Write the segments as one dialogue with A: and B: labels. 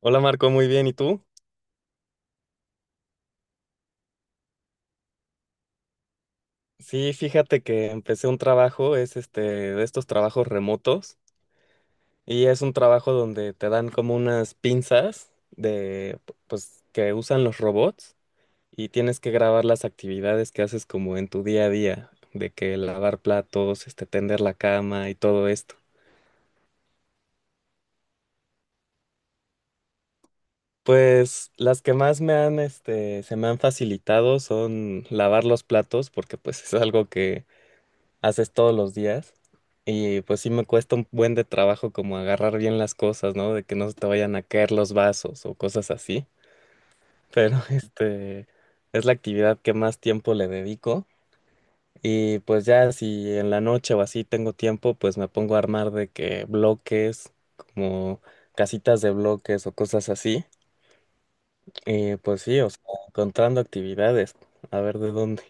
A: Hola Marco, muy bien. ¿Y tú? Sí, fíjate que empecé un trabajo, es de estos trabajos remotos y es un trabajo donde te dan como unas pinzas de pues que usan los robots y tienes que grabar las actividades que haces como en tu día a día, de que lavar platos, tender la cama y todo esto. Pues las que más me han este se me han facilitado son lavar los platos porque pues es algo que haces todos los días. Y pues sí me cuesta un buen de trabajo como agarrar bien las cosas, ¿no? De que no se te vayan a caer los vasos o cosas así. Pero es la actividad que más tiempo le dedico. Y pues ya si en la noche o así tengo tiempo, pues me pongo a armar de que bloques, como casitas de bloques o cosas así. Y pues sí, o sea, encontrando actividades, a ver de dónde.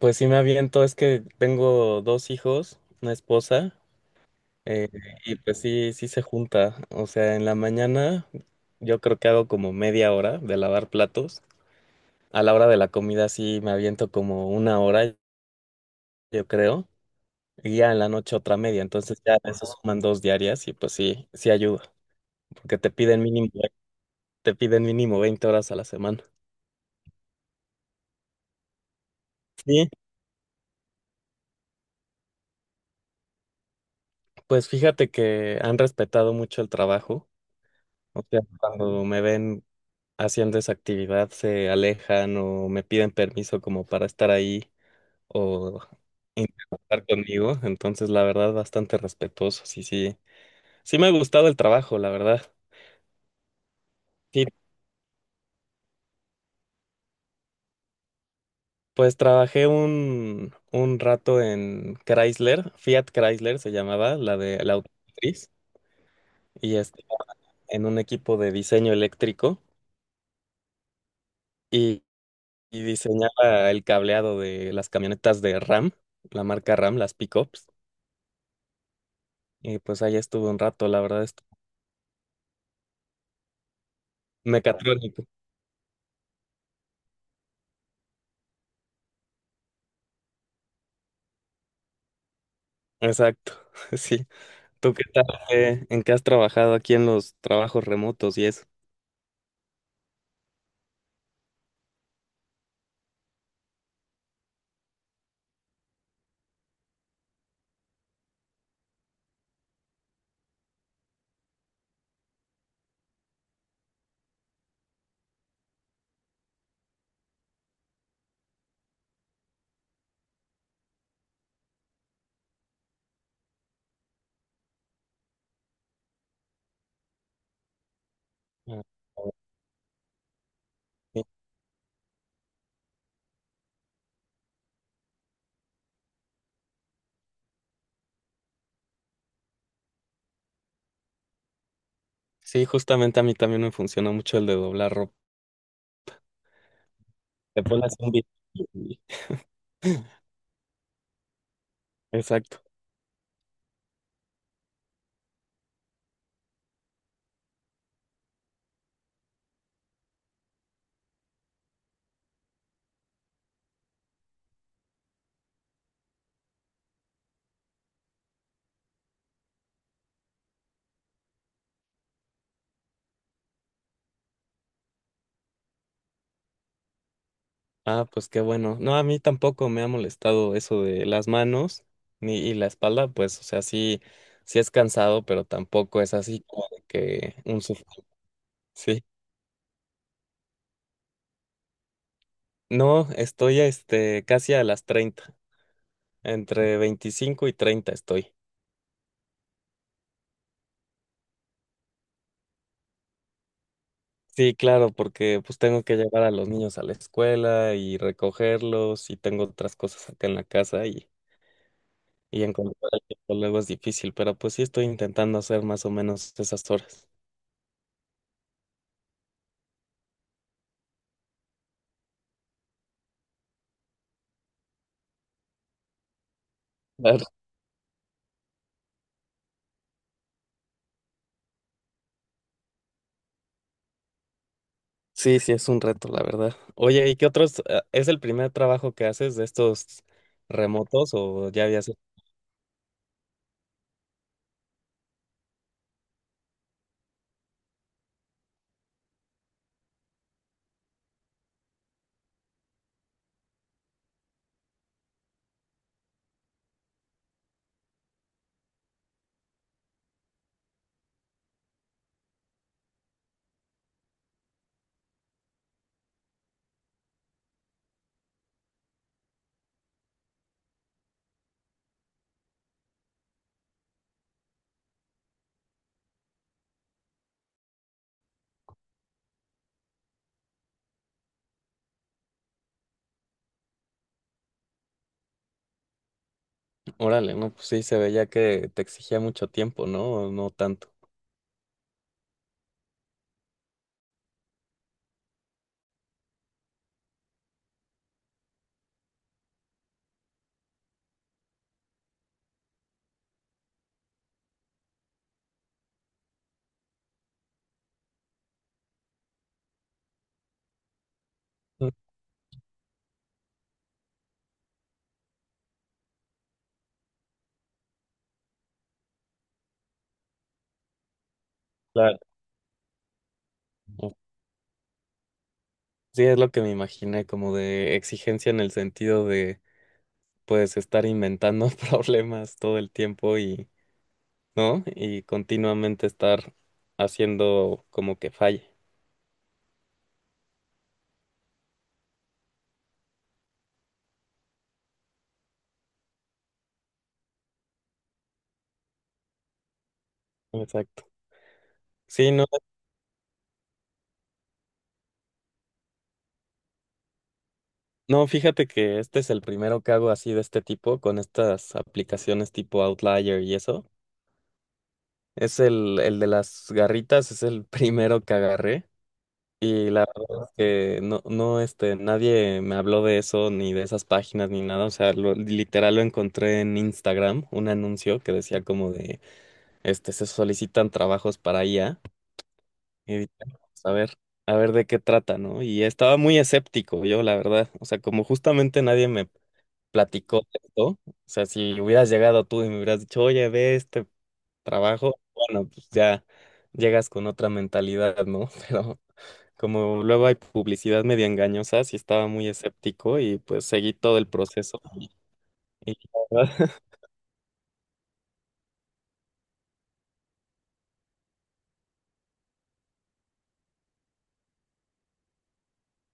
A: Pues sí me aviento, es que tengo dos hijos, una esposa. Eh, y pues sí, sí se junta. O sea, en la mañana yo creo que hago como media hora de lavar platos. A la hora de la comida sí me aviento como una hora, yo creo. Y ya en la noche otra media. Entonces ya eso suman 2 diarias y pues sí, sí ayuda. Porque te piden mínimo, te piden mínimo 20 horas a la semana. Sí, pues fíjate que han respetado mucho el trabajo. O sea, cuando me ven haciendo esa actividad se alejan o me piden permiso como para estar ahí o interactuar conmigo, entonces la verdad bastante respetuoso, sí, sí, sí me ha gustado el trabajo, la verdad. Sí, pues trabajé un rato en Chrysler, Fiat Chrysler se llamaba, la de la automotriz, y estaba en un equipo de diseño eléctrico y, y diseñaba el cableado de las camionetas de RAM, la marca RAM, las pickups, y pues ahí estuve un rato, la verdad, estuvo mecatrónico, exacto, sí. ¿Tú qué tal? ¿En qué has trabajado aquí en los trabajos remotos y eso? Ah, sí. Sí, justamente a mí también me funciona mucho el de doblar ropa. Te pones un video y- Exacto. Ah, pues qué bueno. No, a mí tampoco me ha molestado eso de las manos ni y la espalda, pues, o sea, sí, sí es cansado, pero tampoco es así como de que un suf- Sí. No, estoy casi a las 30, entre 25 y 30 estoy. Sí, claro, porque pues tengo que llevar a los niños a la escuela y recogerlos y tengo otras cosas acá en la casa y encontrar el tiempo luego es difícil, pero pues sí estoy intentando hacer más o menos esas horas. Claro. Sí, sí, es un reto, la verdad. Oye, ¿y qué otros? ¿Es el primer trabajo que haces de estos remotos o ya habías hecho? Órale, no, pues sí, se veía que te exigía mucho tiempo, ¿no? ¿O no tanto? Mm, claro. Sí, es lo que me imaginé, como de exigencia en el sentido de puedes estar inventando problemas todo el tiempo y, ¿no? Y continuamente estar haciendo como que falle. Exacto. Sí, no, no, fíjate que este es el primero que hago así de este tipo, con estas aplicaciones tipo Outlier y eso. Es el de las garritas, es el primero que agarré. Y la verdad es que no, no, nadie me habló de eso, ni de esas páginas, ni nada. O sea, literal lo encontré en Instagram, un anuncio que decía como de este, se solicitan trabajos para IA. Y dije: "Vamos a ver de qué trata, ¿no?" Y estaba muy escéptico yo, la verdad. O sea, como justamente nadie me platicó de esto, o sea, si hubieras llegado tú y me hubieras dicho, oye, ve este trabajo, bueno, pues ya llegas con otra mentalidad, ¿no? Pero como luego hay publicidad media engañosa, sí estaba muy escéptico y pues seguí todo el proceso. Y la verdad,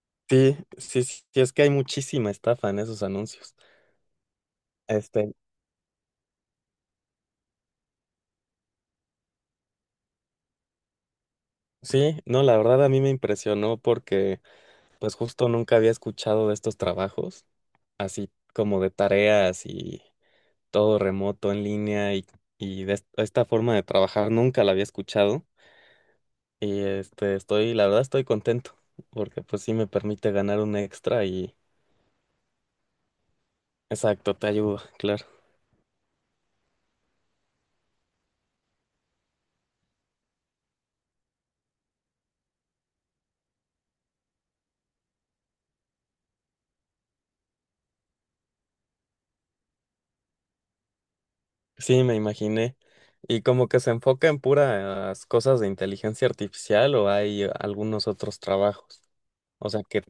A: sí, sí, sí, es que hay muchísima estafa en esos anuncios. este Sí, no, la verdad a mí me impresionó porque pues justo nunca había escuchado de estos trabajos, así como de tareas y todo remoto en línea y de esta forma de trabajar nunca la había escuchado y estoy, la verdad estoy contento porque pues sí me permite ganar un extra y exacto, te ayuda, claro. Sí, me imaginé. Y como que se enfoca en puras cosas de inteligencia artificial o hay algunos otros trabajos, o sea que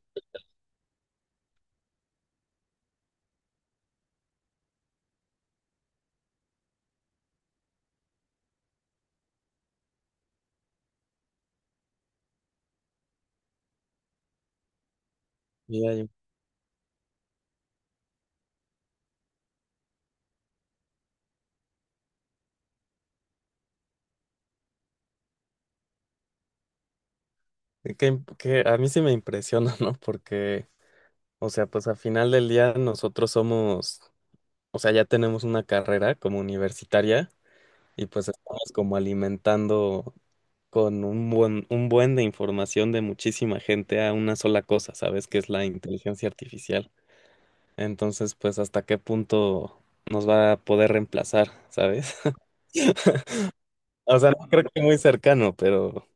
A: Que a mí sí me impresiona, ¿no? Porque, o sea, pues al final del día nosotros somos, o sea, ya tenemos una carrera como universitaria y pues estamos como alimentando con un buen de información de muchísima gente a una sola cosa, ¿sabes? Que es la inteligencia artificial. Entonces, pues, ¿hasta qué punto nos va a poder reemplazar, sabes? O sea, no creo que muy cercano, pero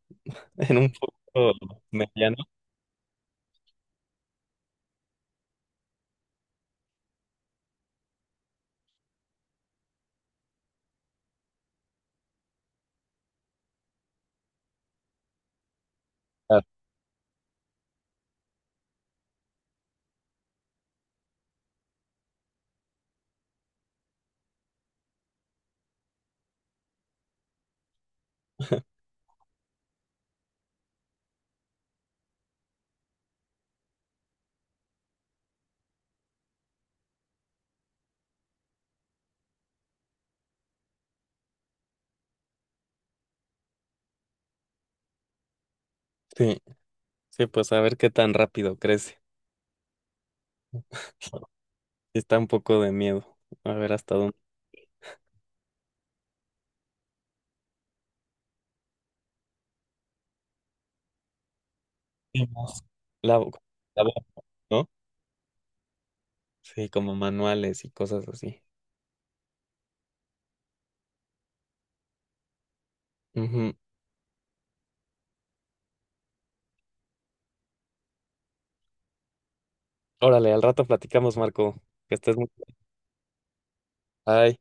A: en un futuro mediano. Ah, sí. Sí, pues a ver qué tan rápido crece. Está un poco de miedo. A ver hasta dónde. Sí, más. La, bo- la boca, ¿no? Sí, como manuales y cosas así. Ujú. Órale, al rato platicamos, Marco. Que estés muy bien. Bye.